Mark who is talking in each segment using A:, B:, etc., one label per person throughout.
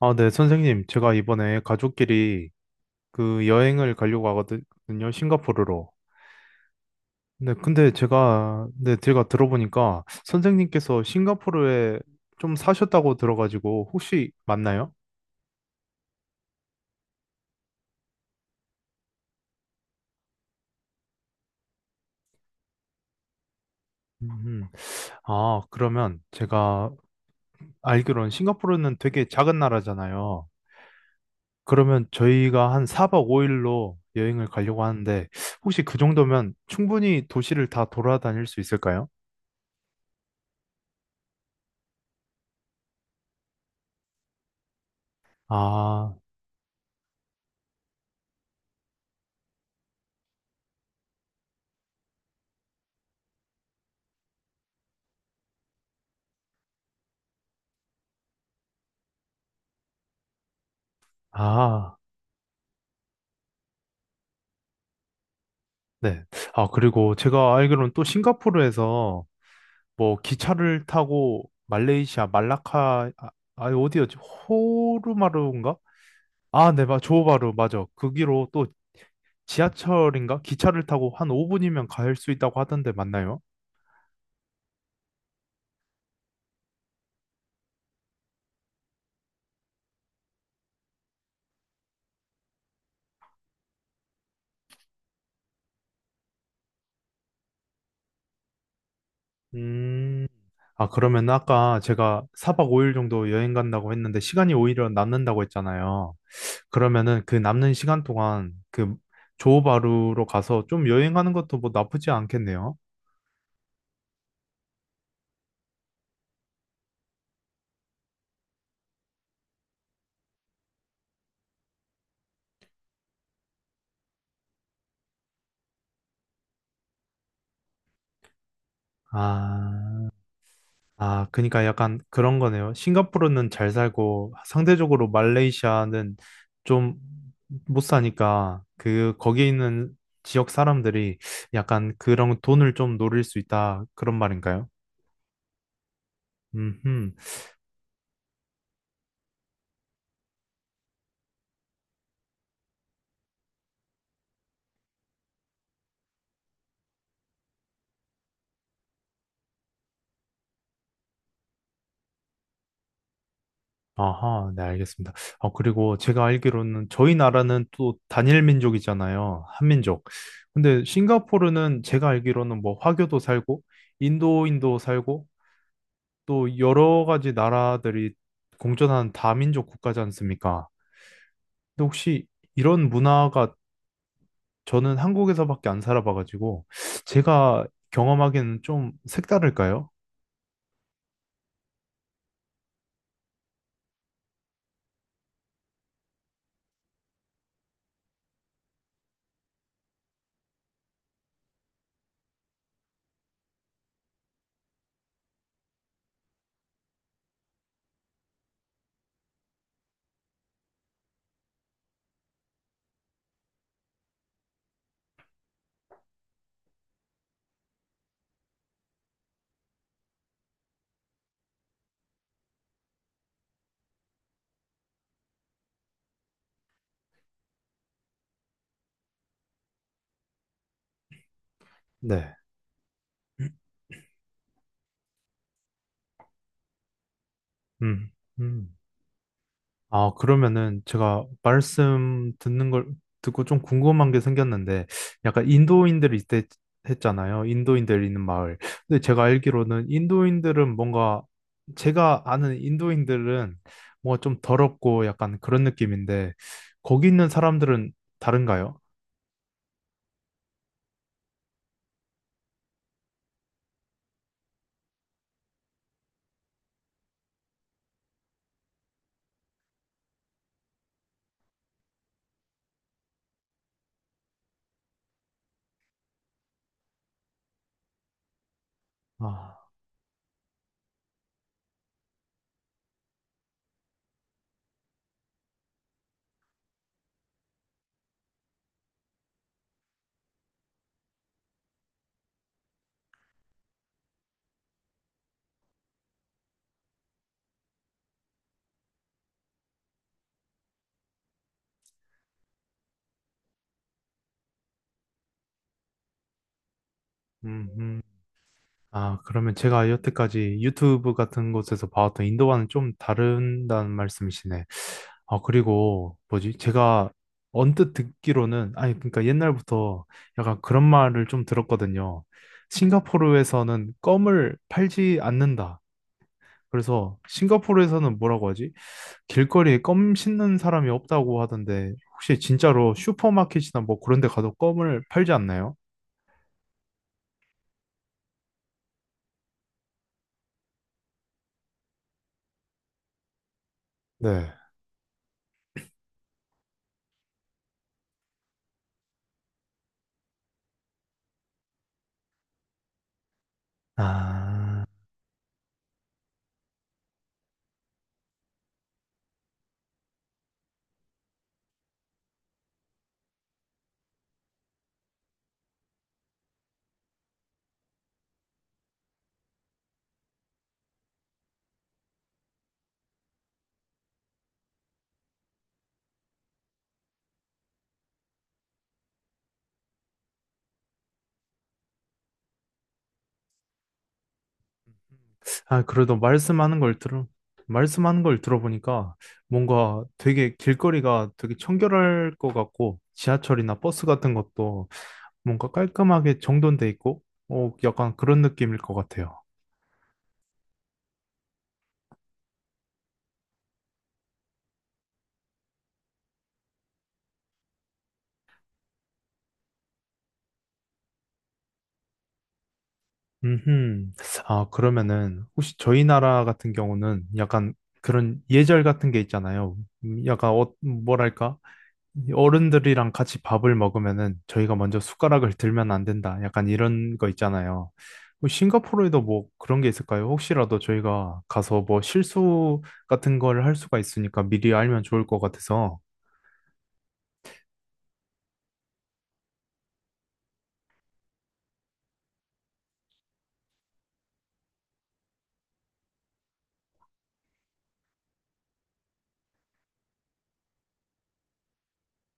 A: 아, 네, 선생님. 제가 이번에 가족끼리 그 여행을 가려고 하거든요. 싱가포르로. 네, 근데 네, 제가 들어보니까 선생님께서 싱가포르에 좀 사셨다고 들어가지고 혹시 맞나요? 음. 아, 그러면 제가 알기로는 싱가포르는 되게 작은 나라잖아요. 그러면 저희가 한 4박 5일로 여행을 가려고 하는데 혹시 그 정도면 충분히 도시를 다 돌아다닐 수 있을까요? 아, 아. 네. 아, 그리고 제가 알기로는 또 싱가포르에서 뭐 기차를 타고 말레이시아, 말라카, 아, 아, 어디였지? 호르마루인가? 아, 네, 조호바루, 맞아. 거기로 또 지하철인가? 기차를 타고 한 5분이면 갈 수 있다고 하던데 맞나요? 음. 아, 그러면 아까 제가 4박 5일 정도 여행 간다고 했는데 시간이 오히려 남는다고 했잖아요. 그러면은 그 남는 시간 동안 그 조호바루로 가서 좀 여행하는 것도 뭐 나쁘지 않겠네요. 아. 아, 그러니까 약간 그런 거네요. 싱가포르는 잘 살고 상대적으로 말레이시아는 좀 못 사니까 그 거기에 있는 지역 사람들이 약간 그런 돈을 좀 노릴 수 있다 그런 말인가요? 음. 아하, 네, 알겠습니다. 어, 그리고 제가 알기로는 저희 나라는 또 단일 민족이잖아요. 한민족. 근데 싱가포르는 제가 알기로는 뭐 화교도 살고 인도인도 살고 또 여러 가지 나라들이 공존하는 다민족 국가지 않습니까? 근데 혹시 이런 문화가 저는 한국에서밖에 안 살아봐가지고 제가 경험하기에는 좀 색다를까요? 네. 음. 음. 아, 그러면은 제가 말씀 듣는 걸 듣고 좀 궁금한 게 생겼는데, 약간 인도인들이 있대 했잖아요. 인도인들이 있는 마을. 근데 제가 알기로는 인도인들은 뭔가, 제가 아는 인도인들은 뭔가 좀 더럽고 약간 그런 느낌인데, 거기 있는 사람들은 다른가요? 아. 음. 음. 아, 그러면 제가 여태까지 유튜브 같은 곳에서 봐왔던 인도와는 좀 다른다는 말씀이시네. 아, 그리고 뭐지? 제가 언뜻 듣기로는, 아니, 그러니까 옛날부터 약간 그런 말을 좀 들었거든요. 싱가포르에서는 껌을 팔지 않는다. 그래서 싱가포르에서는 뭐라고 하지? 길거리에 껌 씻는 사람이 없다고 하던데, 혹시 진짜로 슈퍼마켓이나 뭐 그런 데 가도 껌을 팔지 않나요? 네. 아. 아, 그래도 말씀하는 걸 들어보니까 뭔가 되게 길거리가 되게 청결할 것 같고 지하철이나 버스 같은 것도 뭔가 깔끔하게 정돈돼 있고 어, 약간 그런 느낌일 것 같아요. 음. 아, 그러면은 혹시 저희 나라 같은 경우는 약간 그런 예절 같은 게 있잖아요. 약간 어, 뭐랄까? 이 어른들이랑 같이 밥을 먹으면은 저희가 먼저 숟가락을 들면 안 된다. 약간 이런 거 있잖아요. 뭐 싱가포르에도 뭐 그런 게 있을까요? 혹시라도 저희가 가서 뭐 실수 같은 걸 할 수가 있으니까 미리 알면 좋을 것 같아서.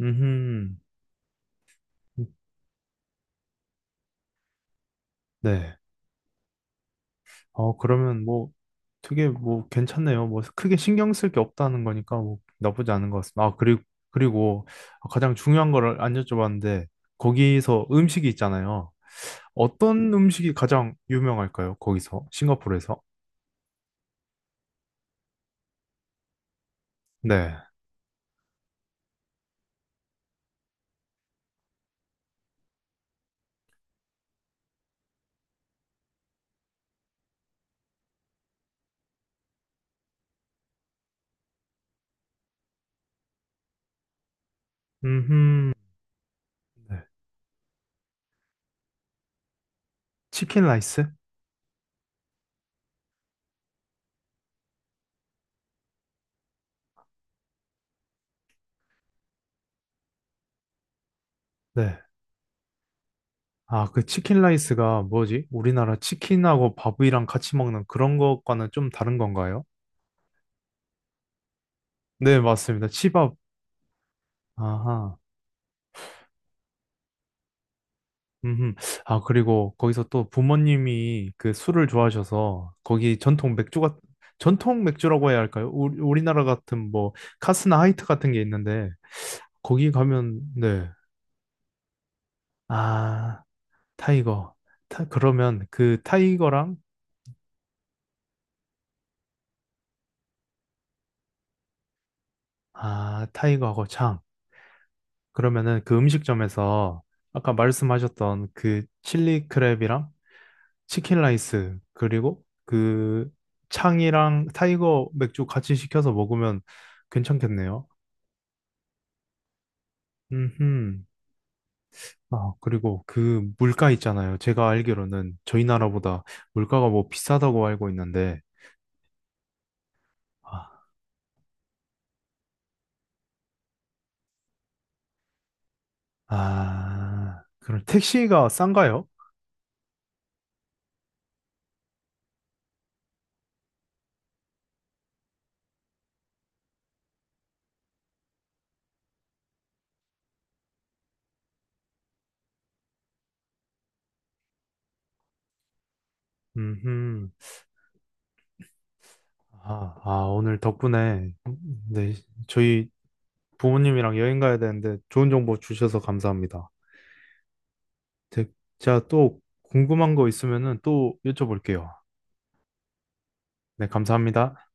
A: 음. 네. 어, 그러면 뭐 되게 뭐 괜찮네요. 뭐 크게 신경 쓸 게 없다는 거니까 뭐 나쁘지 않은 것 같습니다. 아, 그리고 가장 중요한 거를 안 여쭤봤는데 거기서 음식이 있잖아요. 어떤 음식이 가장 유명할까요? 거기서 싱가포르에서? 네. 음. 네. 치킨 라이스? 네. 아, 그 치킨 라이스가 뭐지? 우리나라 치킨하고 밥이랑 같이 먹는 그런 것과는 좀 다른 건가요? 네, 맞습니다. 치밥. 아하. 음. 아, 그리고 거기서 또 부모님이 그 술을 좋아하셔서 거기 전통 맥주가, 전통 맥주라고 해야 할까요? 우리나라 같은 뭐, 카스나 하이트 같은 게 있는데, 거기 가면, 네. 아, 타이거. 그러면 그 타이거랑, 아, 타이거하고 창. 그러면은 그 음식점에서 아까 말씀하셨던 그 칠리 크랩이랑 치킨 라이스 그리고 그 창이랑 타이거 맥주 같이 시켜서 먹으면 괜찮겠네요. 음. 아, 그리고 그 물가 있잖아요. 제가 알기로는 저희 나라보다 물가가 뭐 비싸다고 알고 있는데 아, 아, 그럼 택시가 싼가요? 음. 아, 아, 오늘 덕분에 네, 저희 부모님이랑 여행 가야 되는데 좋은 정보 주셔서 감사합니다. 제- 제가 또 궁금한 거 있으면은 또 여쭤볼게요. 네, 감사합니다.